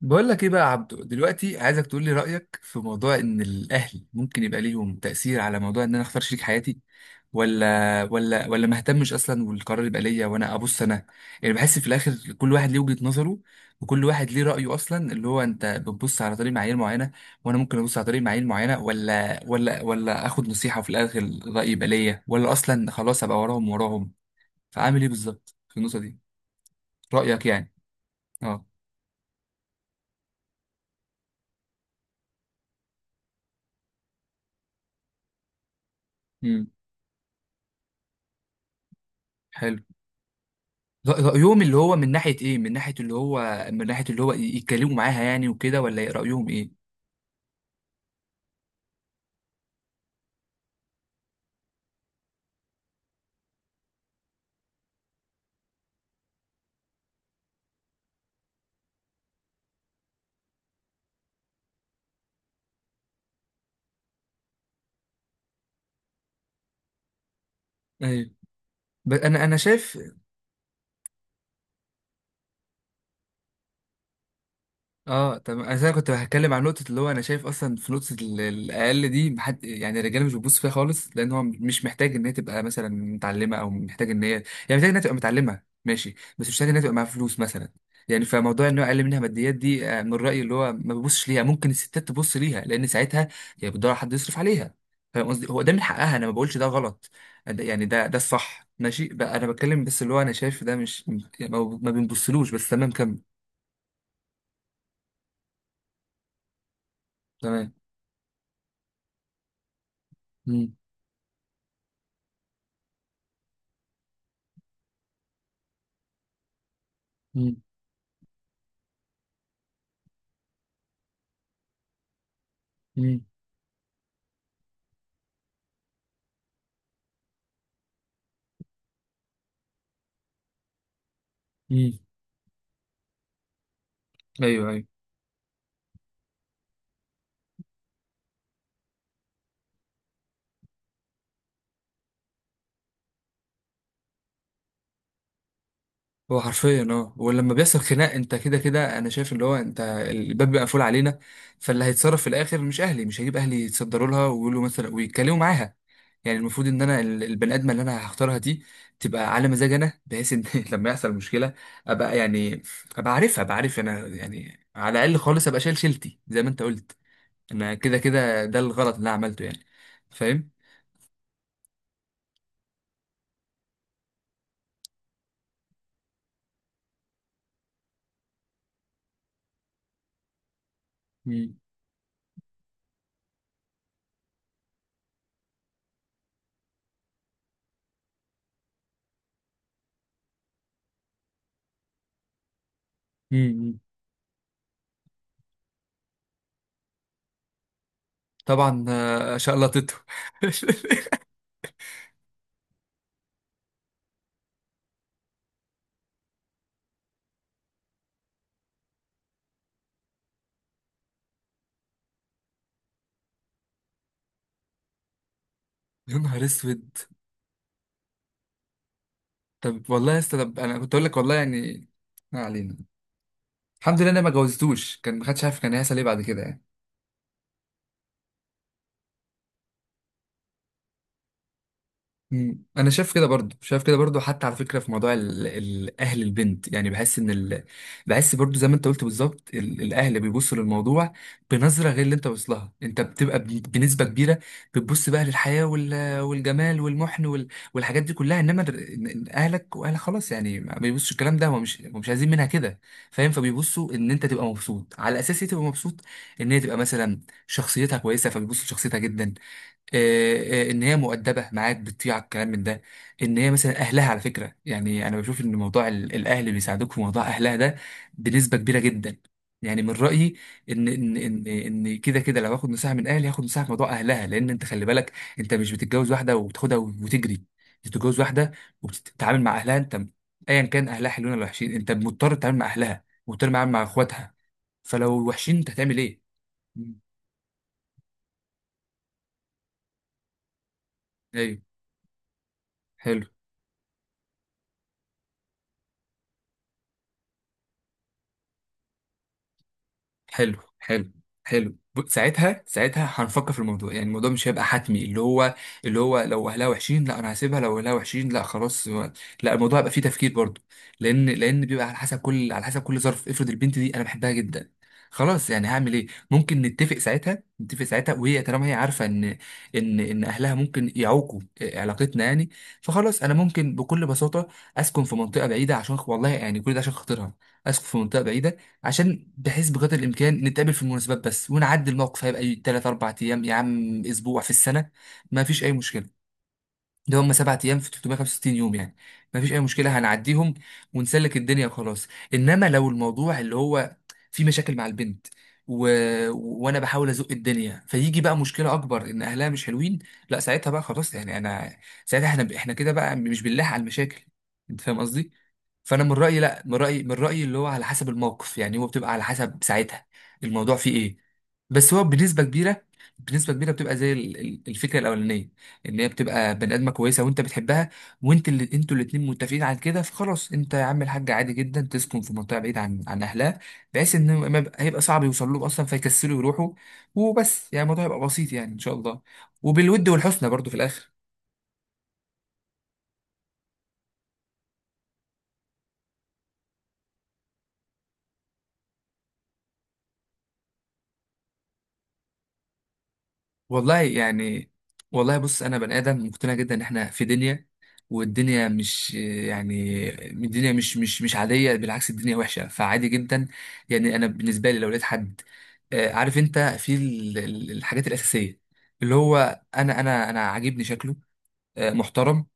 بقول لك ايه بقى يا عبدو. دلوقتي عايزك تقول لي رأيك في موضوع ان الاهل ممكن يبقى ليهم تأثير على موضوع ان انا اختار شريك حياتي، ولا ما اهتمش اصلا والقرار يبقى ليا وانا ابص انا. بحس في الاخر كل واحد ليه وجهة نظره وكل واحد ليه رأيه اصلا. اللي هو انت بتبص على طريق معايير معينة وانا ممكن ابص على طريق معايير معينة، ولا اخد نصيحة وفي الاخر الرأي يبقى ليا، ولا اصلا خلاص ابقى وراهم. فعامل ايه بالظبط في النقطة دي؟ رأيك يعني. اه. امم. حلو. رأيهم اللي هو من ناحية ايه؟ من ناحية اللي هو، من ناحية اللي هو يتكلموا معاها يعني وكده، ولا رأيهم ايه؟ ايوه. انا شايف. اه طب انا كنت هتكلم عن نقطه اللي هو انا شايف اصلا في نقطه الاقل دي محد يعني، الرجاله مش بتبص فيها خالص لان هو مش محتاج ان هي تبقى مثلا متعلمه، او محتاج ان هي يعني محتاج انها تبقى متعلمه ماشي، بس مش محتاج انها تبقى معاها فلوس مثلا يعني. فموضوع ان هو اقل منها ماديات دي، من رايي اللي هو ما ببصش ليها. ممكن الستات تبص ليها لان ساعتها هي بتدور على حد يصرف عليها. فاهم قصدي؟ هو ده من حقها، انا ما بقولش ده غلط. يعني ده الصح. ماشي بقى انا بتكلم بس اللي هو انا شايف ده مش يعني ما بنبصلوش. بس تمام كمل. تمام. مم. مم. مم. ايوه ايوه. هو حرفيا اه، ولما بيحصل خناق انت كده كده انا شايف اللي هو انت الباب بيبقى مقفول علينا. فاللي هيتصرف في الاخر مش اهلي، مش هجيب اهلي يتصدروا لها ويقولوا مثلا ويتكلموا معاها. يعني المفروض ان انا البني ادمه اللي انا هختارها دي تبقى على مزاج انا، بحيث ان لما يحصل مشكله ابقى يعني ابقى عارفها، ابقى عارف انا يعني. على الاقل خالص ابقى شايل شيلتي زي ما انت قلت. انا كده كده ده الغلط اللي انا عملته يعني. فاهم. مم. مم. طبعا. شقلطته. يا نهار اسود. طب والله يا اسطى، طب انا كنت اقول لك والله يعني. ما علينا. الحمد لله انا ما جوزتوش، كان ما حدش عارف كان هيحصل ايه بعد كده يعني. مم. انا شايف كده برضو، شايف كده برضو. حتى على فكره في موضوع اهل البنت يعني بحس ان ال... بحس برضو زي ما انت قلت بالظبط، الاهل بيبصوا للموضوع بنظره غير اللي انت واصلها. انت بتبقى بنسبه كبيره بتبص بقى للحياه وال... والجمال والمحن وال... والحاجات دي كلها، انما در... إن اهلك واهلك خلاص يعني ما بيبصوا الكلام ده، هو مش، هو مش عايزين منها كده. فاهم؟ فبيبصوا ان انت تبقى مبسوط. على اساس ايه تبقى مبسوط؟ ان هي تبقى مثلا شخصيتها كويسه، فبيبصوا لشخصيتها جدا. ان هي مؤدبه معاك، بتطيع الكلام من ده. ان هي مثلا اهلها، على فكره يعني انا بشوف ان موضوع الاهل اللي بيساعدوك في موضوع اهلها ده بنسبه كبيره جدا، يعني من رايي. ان كده كده لو هاخد نصيحه من اهلي هاخد نصيحه في موضوع اهلها. لان انت خلي بالك انت مش بتتجوز واحده وبتاخدها وتجري انت، بتتجوز واحده وبتتعامل مع اهلها انت. ايا كان اهلها حلوين ولا وحشين، انت مضطر تتعامل مع اهلها، مضطر تتعامل مع اخواتها. فلو وحشين انت هتعمل ايه؟ مم. ايوه. حلو حلو حلو حلو. ساعتها هنفكر في الموضوع. يعني الموضوع مش هيبقى حتمي اللي هو، اللي هو لو اهلها وحشين لا انا هسيبها، لو اهلها وحشين لا خلاص. لا الموضوع هيبقى فيه تفكير برضه، لان بيبقى على حسب كل، على حسب كل ظرف. افرض البنت دي انا بحبها جدا، خلاص يعني هعمل ايه؟ ممكن نتفق ساعتها، نتفق ساعتها وهي طالما هي عارفه ان ان اهلها ممكن يعوقوا علاقتنا يعني، فخلاص انا ممكن بكل بساطه اسكن في منطقه بعيده. عشان والله يعني كل ده عشان خاطرها، اسكن في منطقه بعيده عشان بحيث بقدر الامكان نتقابل في المناسبات بس ونعدي. الموقف هيبقى 3 4 ايام يا عم، اسبوع في السنه، ما فيش اي مشكله. ده هم 7 ايام في 365 يوم يعني، مفيش اي مشكله هنعديهم ونسلك الدنيا وخلاص. انما لو الموضوع اللي هو في مشاكل مع البنت و... وانا بحاول ازق الدنيا، فيجي بقى مشكله اكبر ان اهلها مش حلوين. لا ساعتها بقى خلاص يعني انا، ساعتها احنا كده بقى مش بنلاحق على المشاكل. انت فاهم قصدي؟ فانا من رايي لا، من رايي اللي هو على حسب الموقف. يعني هو بتبقى على حسب ساعتها الموضوع فيه ايه. بس هو بنسبه كبيره، بنسبه كبيره بتبقى زي الفكره الاولانيه اللي هي بتبقى بني ادمه كويسه وانت بتحبها وانت اللي انتوا الاتنين متفقين على كده. فخلاص انت يا عم الحاج عادي جدا تسكن في منطقه بعيده عن اهلها، بحيث ان ما يبقى- هيبقى صعب يوصل لهم اصلا فيكسلوا يروحوا وبس. يعني الموضوع هيبقى بسيط يعني ان شاء الله، وبالود والحسنى برضو في الاخر. والله يعني، والله بص انا بني ادم مقتنع جدا ان احنا في دنيا، والدنيا مش يعني الدنيا مش عاديه، بالعكس الدنيا وحشه. فعادي جدا يعني انا بالنسبه لي لو لقيت حد عارف انت في الحاجات الاساسيه اللي هو انا عاجبني شكله، محترم،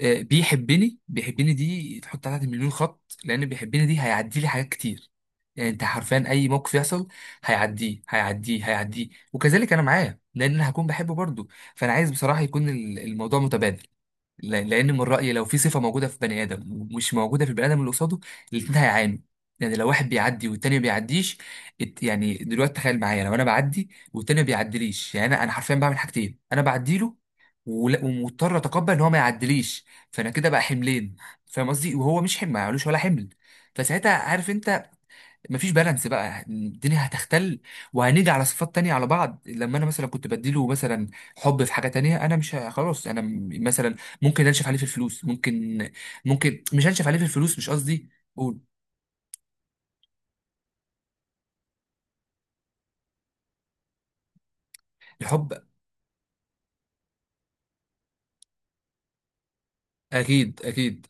بيحبني. دي تحط عليها مليون خط، لان بيحبني دي هيعدي لي حاجات كتير. يعني انت حرفيا اي موقف يحصل هيعديه، وكذلك انا معاه لان انا هكون بحبه برضه. فانا عايز بصراحه يكون الموضوع متبادل. لان من رايي لو في صفه موجوده في بني ادم ومش موجوده في البني ادم اللي قصاده، الاثنين هيعانوا. يعني لو واحد بيعدي والتاني ما بيعديش، يعني دلوقتي تخيل معايا لو انا بعدي والتاني ما بيعديليش، يعني انا حرفيا بعمل حاجتين، انا بعدي له ومضطر اتقبل ان هو ما يعديليش. فانا كده بقى حملين. فاهم قصدي؟ وهو مش حمل، ما يعملوش ولا حمل. فساعتها عارف انت مفيش بالانس بقى، الدنيا هتختل. وهنيجي على صفات تانية على بعض، لما انا مثلا كنت بديله مثلا حب في حاجة تانية، انا مش خلاص انا مثلا ممكن انشف عليه في الفلوس ممكن، ممكن مش انشف عليه في الفلوس، مش قصدي. قول. الحب. اكيد اكيد.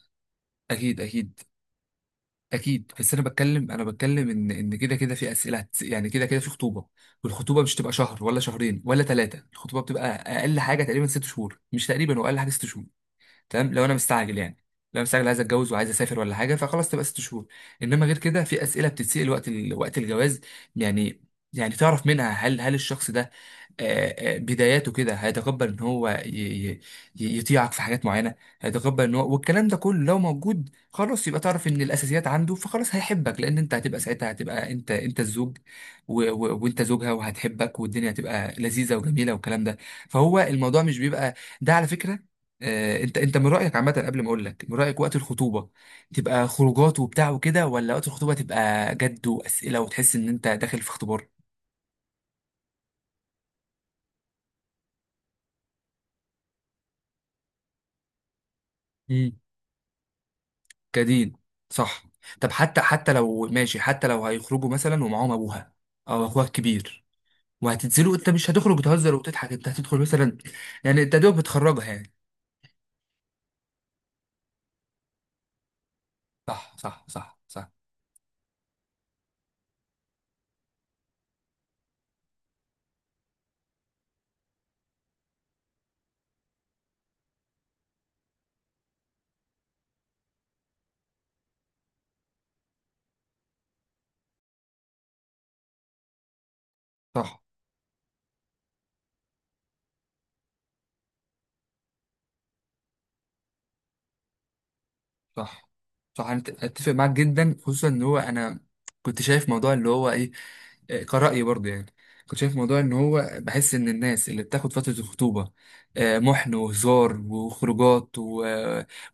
اكيد اكيد اكيد بس انا بتكلم، انا بتكلم ان كده كده في اسئله يعني كده كده في خطوبه، والخطوبه مش تبقى شهر ولا شهرين ولا 3. الخطوبه بتبقى اقل حاجه تقريبا 6 شهور. مش تقريبا، واقل حاجه 6 شهور. تمام لو انا مستعجل يعني، لو انا مستعجل عايز اتجوز وعايز اسافر ولا حاجه فخلاص تبقى 6 شهور. انما غير كده في اسئله بتتسال وقت ال... وقت الجواز يعني، يعني تعرف منها هل، هل الشخص ده بداياته كده هيتقبل ان هو ي- يطيعك في حاجات معينه. هيتقبل ان هو، والكلام ده كله لو موجود خلاص يبقى تعرف ان الاساسيات عنده، فخلاص هيحبك. لان انت هتبقى ساعتها هتبقى انت، انت الزوج وانت زوجها وهتحبك، والدنيا هتبقى لذيذه وجميله والكلام ده. فهو الموضوع مش بيبقى ده، على فكره انت انت من رايك عامه قبل ما اقول لك من رايك، وقت الخطوبه تبقى خروجات وبتاع وكده، ولا وقت الخطوبه تبقى جد واسئله وتحس ان انت داخل في اختبار؟ مم. كدين. صح. طب حتى، حتى لو ماشي، حتى لو هيخرجوا مثلا ومعاهم ابوها او اخوها الكبير وهتنزلوا، انت مش هتخرج بتهزر وتضحك، انت هتدخل مثلا. يعني انت دوب بتخرجها يعني. صح. صح صح صح. اتفق معاك جدا، خصوصا ان هو انا كنت شايف موضوع اللي هو ايه، كرأيي برضه يعني. كنت شايف موضوع ان هو بحس ان الناس اللي بتاخد فترة الخطوبة محن وهزار وخروجات و...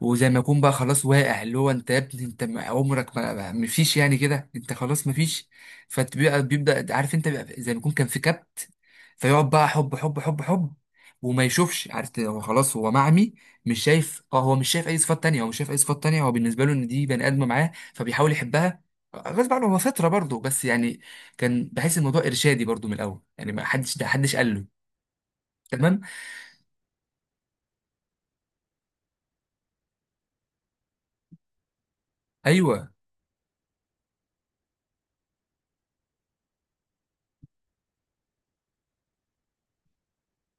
وزي ما يكون بقى خلاص واقع اللي هو، انت يا ابني انت عمرك ما مفيش يعني، كده انت خلاص مفيش. فبيبقى بيبدأ عارف انت، بيبقى زي ما يكون كان في كبت، فيقعد بقى حب وما يشوفش. عارف هو خلاص هو معمي، مش شايف. اه هو مش شايف اي صفات تانية، هو مش شايف اي صفات تانية. هو بالنسبة له ان دي بني ادمة معاه فبيحاول يحبها غصب عنه، هو فطرة برضه بس يعني. كان بحس الموضوع ارشادي برضو من الاول يعني، ما حدش، ده حدش قال له. تمام. ايوه.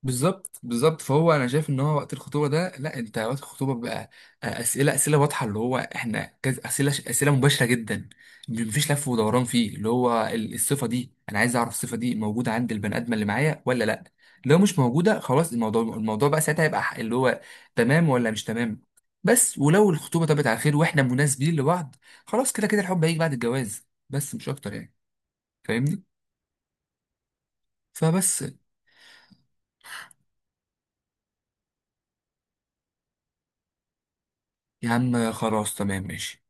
بالظبط بالظبط. فهو انا شايف ان هو وقت الخطوبه ده لا، انت وقت الخطوبه بقى اسئله واضحه اللي هو احنا كذا، اسئله مباشره جدا، مفيش لف ودوران. فيه اللي هو الصفه دي انا عايز اعرف الصفه دي موجوده عند البني ادم اللي معايا ولا لا؟ لو مش موجوده خلاص الموضوع، الموضوع بقى ساعتها يبقى اللي هو تمام ولا مش تمام. بس ولو الخطوبه طابت على خير واحنا مناسبين لبعض، خلاص كده كده الحب هيجي بعد الجواز بس، مش اكتر يعني. فاهمني؟ فبس. يا عم خلاص تمام ماشي.